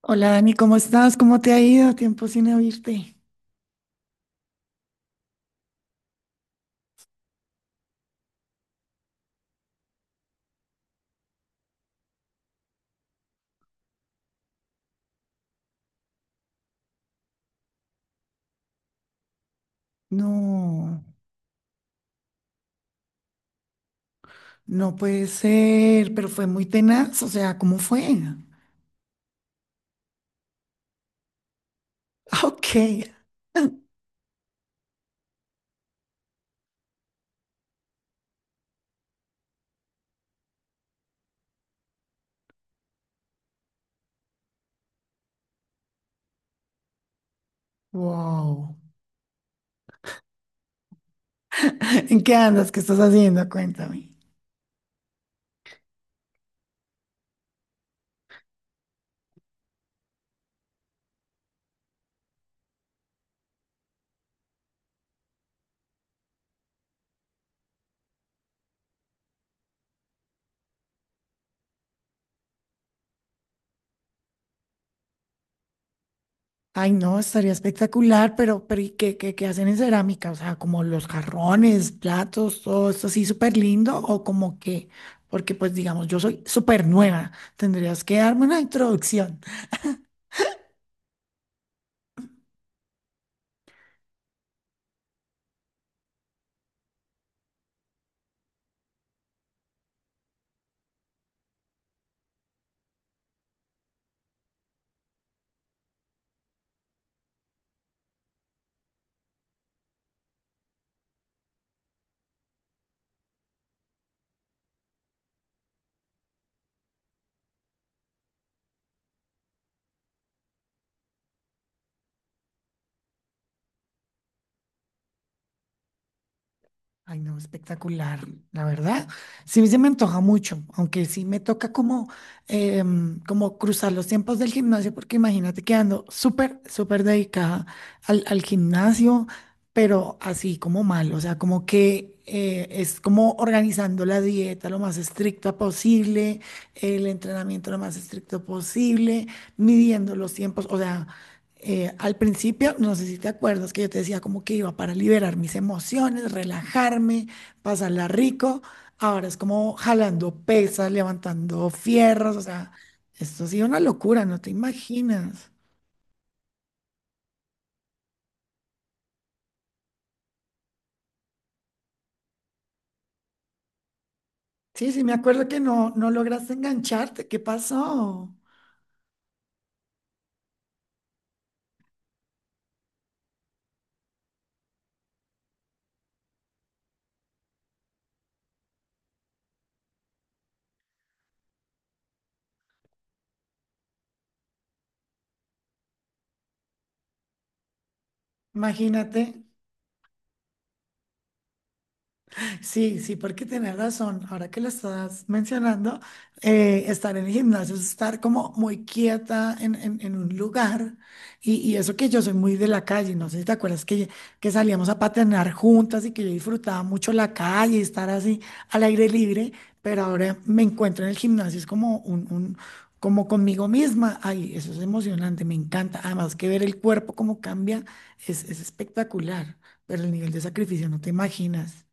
Hola Dani, ¿cómo estás? ¿Cómo te ha ido? Tiempo sin oírte. No, no, puede ser, pero fue muy tenaz, o sea, ¿cómo fue? Ah, ok, wow. ¿En qué andas? ¿Qué estás haciendo? Cuéntame. Ay, no, estaría espectacular, pero ¿y qué hacen en cerámica? O sea, como los jarrones, platos, todo esto así súper lindo o como que, porque pues digamos, yo soy súper nueva, tendrías que darme una introducción. Ay, no, espectacular, la verdad. Sí, se me antoja mucho, aunque sí me toca como, como cruzar los tiempos del gimnasio, porque imagínate que ando súper, súper dedicada al, al gimnasio, pero así como mal, o sea, como que es como organizando la dieta lo más estricta posible, el entrenamiento lo más estricto posible, midiendo los tiempos, o sea al principio, no sé si te acuerdas que yo te decía como que iba para liberar mis emociones, relajarme, pasarla rico. Ahora es como jalando pesas, levantando fierros, o sea, esto ha sido una locura, no te imaginas. Sí, sí, me acuerdo que no, no lograste engancharte. ¿Qué pasó? Imagínate. Sí, sí, porque tienes razón. Ahora que lo estás mencionando, estar en el gimnasio es estar como muy quieta en, en un lugar. Y eso que yo soy muy de la calle, no sé si te acuerdas que salíamos a patinar juntas y que yo disfrutaba mucho la calle, estar así al aire libre, pero ahora me encuentro en el gimnasio, es como un, como conmigo misma. Ay, eso es emocionante, me encanta. Además que ver el cuerpo cómo cambia es espectacular, pero el nivel de sacrificio no te imaginas.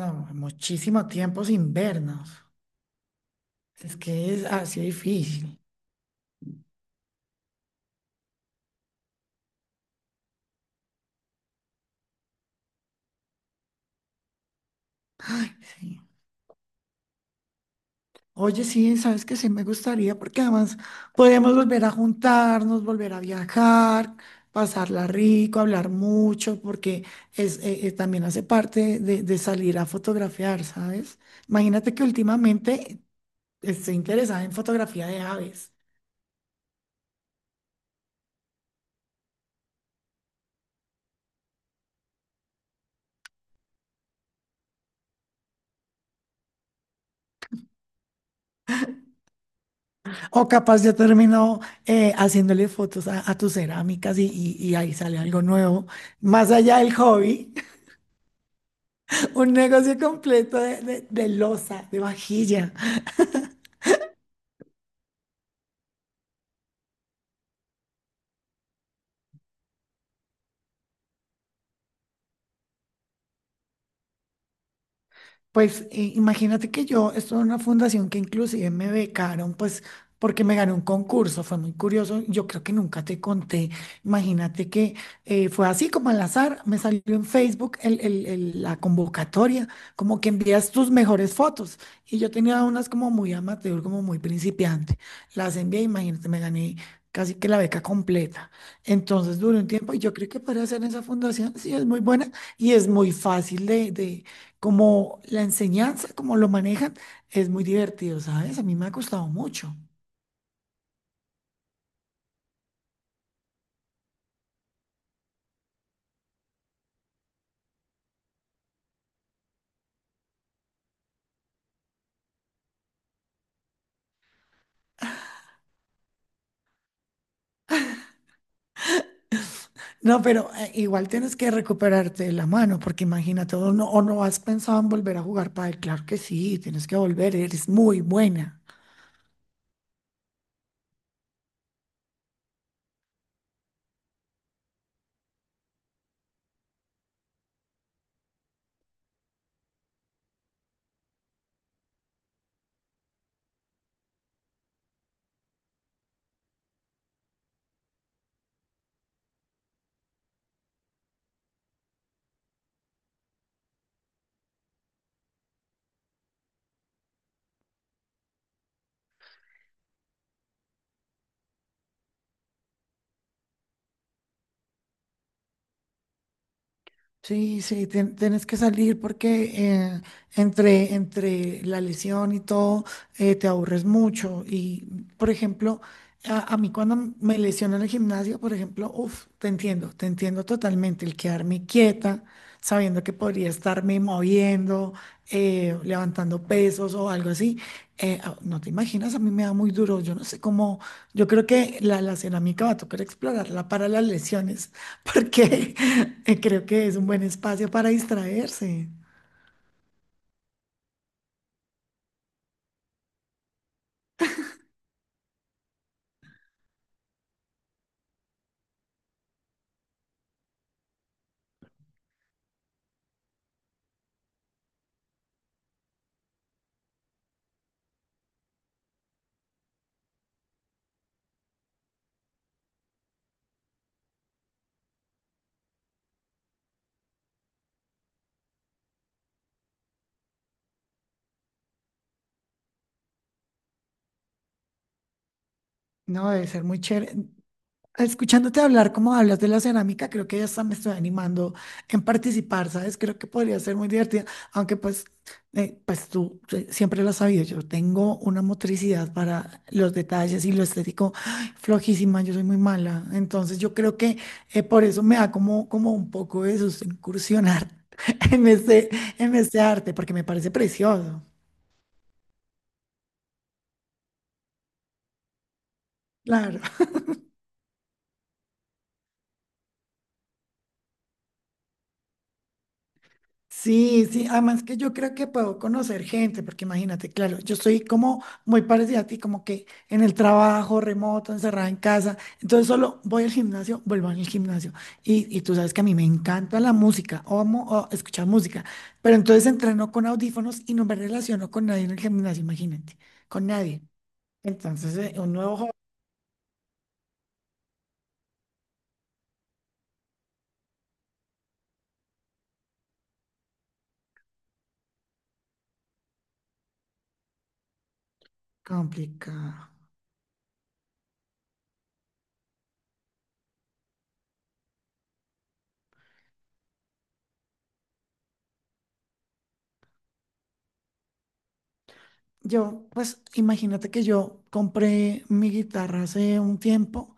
No, muchísimo tiempo sin vernos. Es que es así difícil. Sí. Oye, sí, sabes que sí me gustaría, porque además podemos volver a juntarnos, volver a viajar, pasarla rico, hablar mucho, porque es, también hace parte de salir a fotografiar, ¿sabes? Imagínate que últimamente estoy interesada en fotografía de aves. O capaz ya terminó haciéndole fotos a tus cerámicas y, y ahí sale algo nuevo. Más allá del hobby, un negocio completo de loza, de vajilla. Pues imagínate que yo estuve en una fundación que inclusive me becaron, pues porque me gané un concurso, fue muy curioso, yo creo que nunca te conté, imagínate que fue así como al azar, me salió en Facebook la convocatoria, como que envías tus mejores fotos y yo tenía unas como muy amateur, como muy principiante, las envié, imagínate, me gané casi que la beca completa, entonces duró un tiempo y yo creo que para hacer esa fundación sí es muy buena y es muy fácil de como la enseñanza, como lo manejan, es muy divertido, ¿sabes? A mí me ha costado mucho. No, pero igual tienes que recuperarte de la mano, porque imagínate, o no has pensado en volver a jugar pádel, claro que sí, tienes que volver, eres muy buena. Sí, sí, tienes que salir porque entre, entre la lesión y todo te aburres mucho. Y, por ejemplo, a mí cuando me lesiono en el gimnasio, por ejemplo, uff, te entiendo totalmente. El quedarme quieta, sabiendo que podría estarme moviendo, levantando pesos o algo así. No te imaginas, a mí me da muy duro. Yo no sé cómo, yo creo que la cerámica va a tocar explorarla para las lesiones porque creo que es un buen espacio para distraerse. No, debe ser muy chévere. Escuchándote hablar como hablas de la cerámica, creo que ya hasta me estoy animando en participar, ¿sabes? Creo que podría ser muy divertida, aunque pues, pues tú siempre lo has sabido, yo tengo una motricidad para los detalles y lo estético flojísima, yo soy muy mala, entonces yo creo que por eso me da como, como un poco de susto incursionar en este, en este arte, porque me parece precioso. Claro. Sí, sí, además que yo creo que puedo conocer gente, porque imagínate, claro, yo estoy como muy parecida a ti, como que en el trabajo, remoto, encerrada en casa, entonces solo voy al gimnasio, vuelvo al gimnasio, y tú sabes que a mí me encanta la música, o amo o escuchar música, pero entonces entreno con audífonos y no me relaciono con nadie en el gimnasio, imagínate, con nadie. Entonces, un nuevo hobby complicado. Yo, pues imagínate que yo compré mi guitarra hace un tiempo.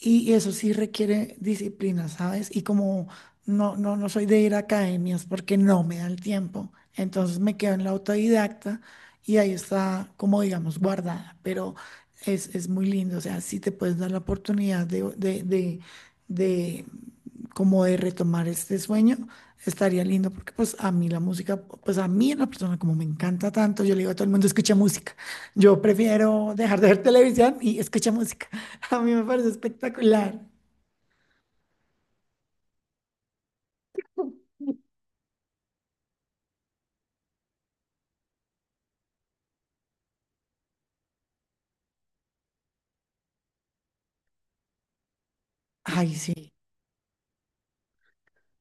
Y eso sí requiere disciplina, ¿sabes? Y como no soy de ir a academias porque no me da el tiempo, entonces me quedo en la autodidacta y ahí está, como digamos, guardada, pero es muy lindo, o sea, si te puedes dar la oportunidad de como de retomar este sueño, estaría lindo porque pues a mí la música, pues a mí la persona como me encanta tanto, yo le digo a todo el mundo, escucha música, yo prefiero dejar de ver televisión y escucha música. A mí me parece espectacular. Ay, sí.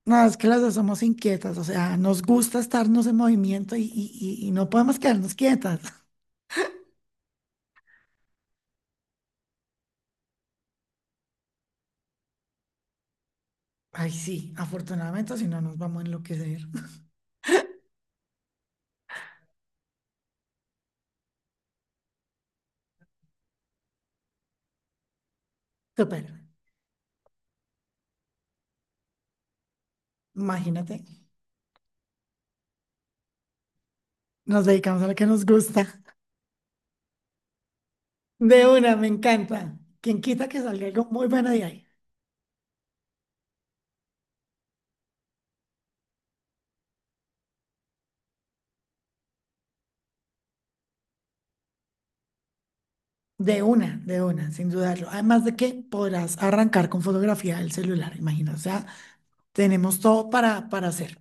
No, es que las dos somos inquietas, o sea, nos gusta estarnos en movimiento y, y no podemos quedarnos quietas. Ay, sí, afortunadamente, si no nos vamos a enloquecer. Súper, imagínate, nos dedicamos a lo que nos gusta. De una, me encanta. Quien quita que salga algo muy bueno de ahí. De una, sin dudarlo. Además de que podrás arrancar con fotografía del celular, imagino. O sea, tenemos todo para hacer.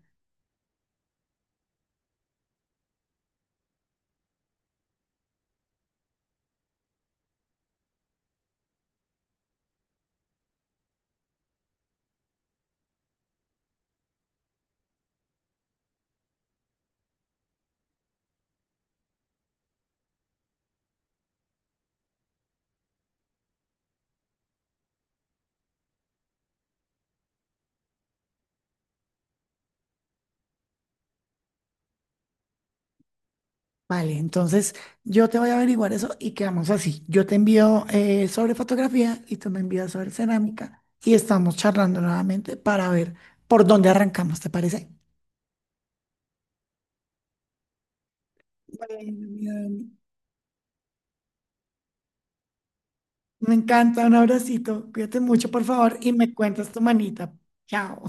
Vale, entonces yo te voy a averiguar eso y quedamos así. Yo te envío sobre fotografía y tú me envías sobre cerámica y estamos charlando nuevamente para ver por dónde arrancamos, ¿te parece? Bueno, mi Dani, me encanta, un abracito, cuídate mucho, por favor, y me cuentas tu manita. Chao.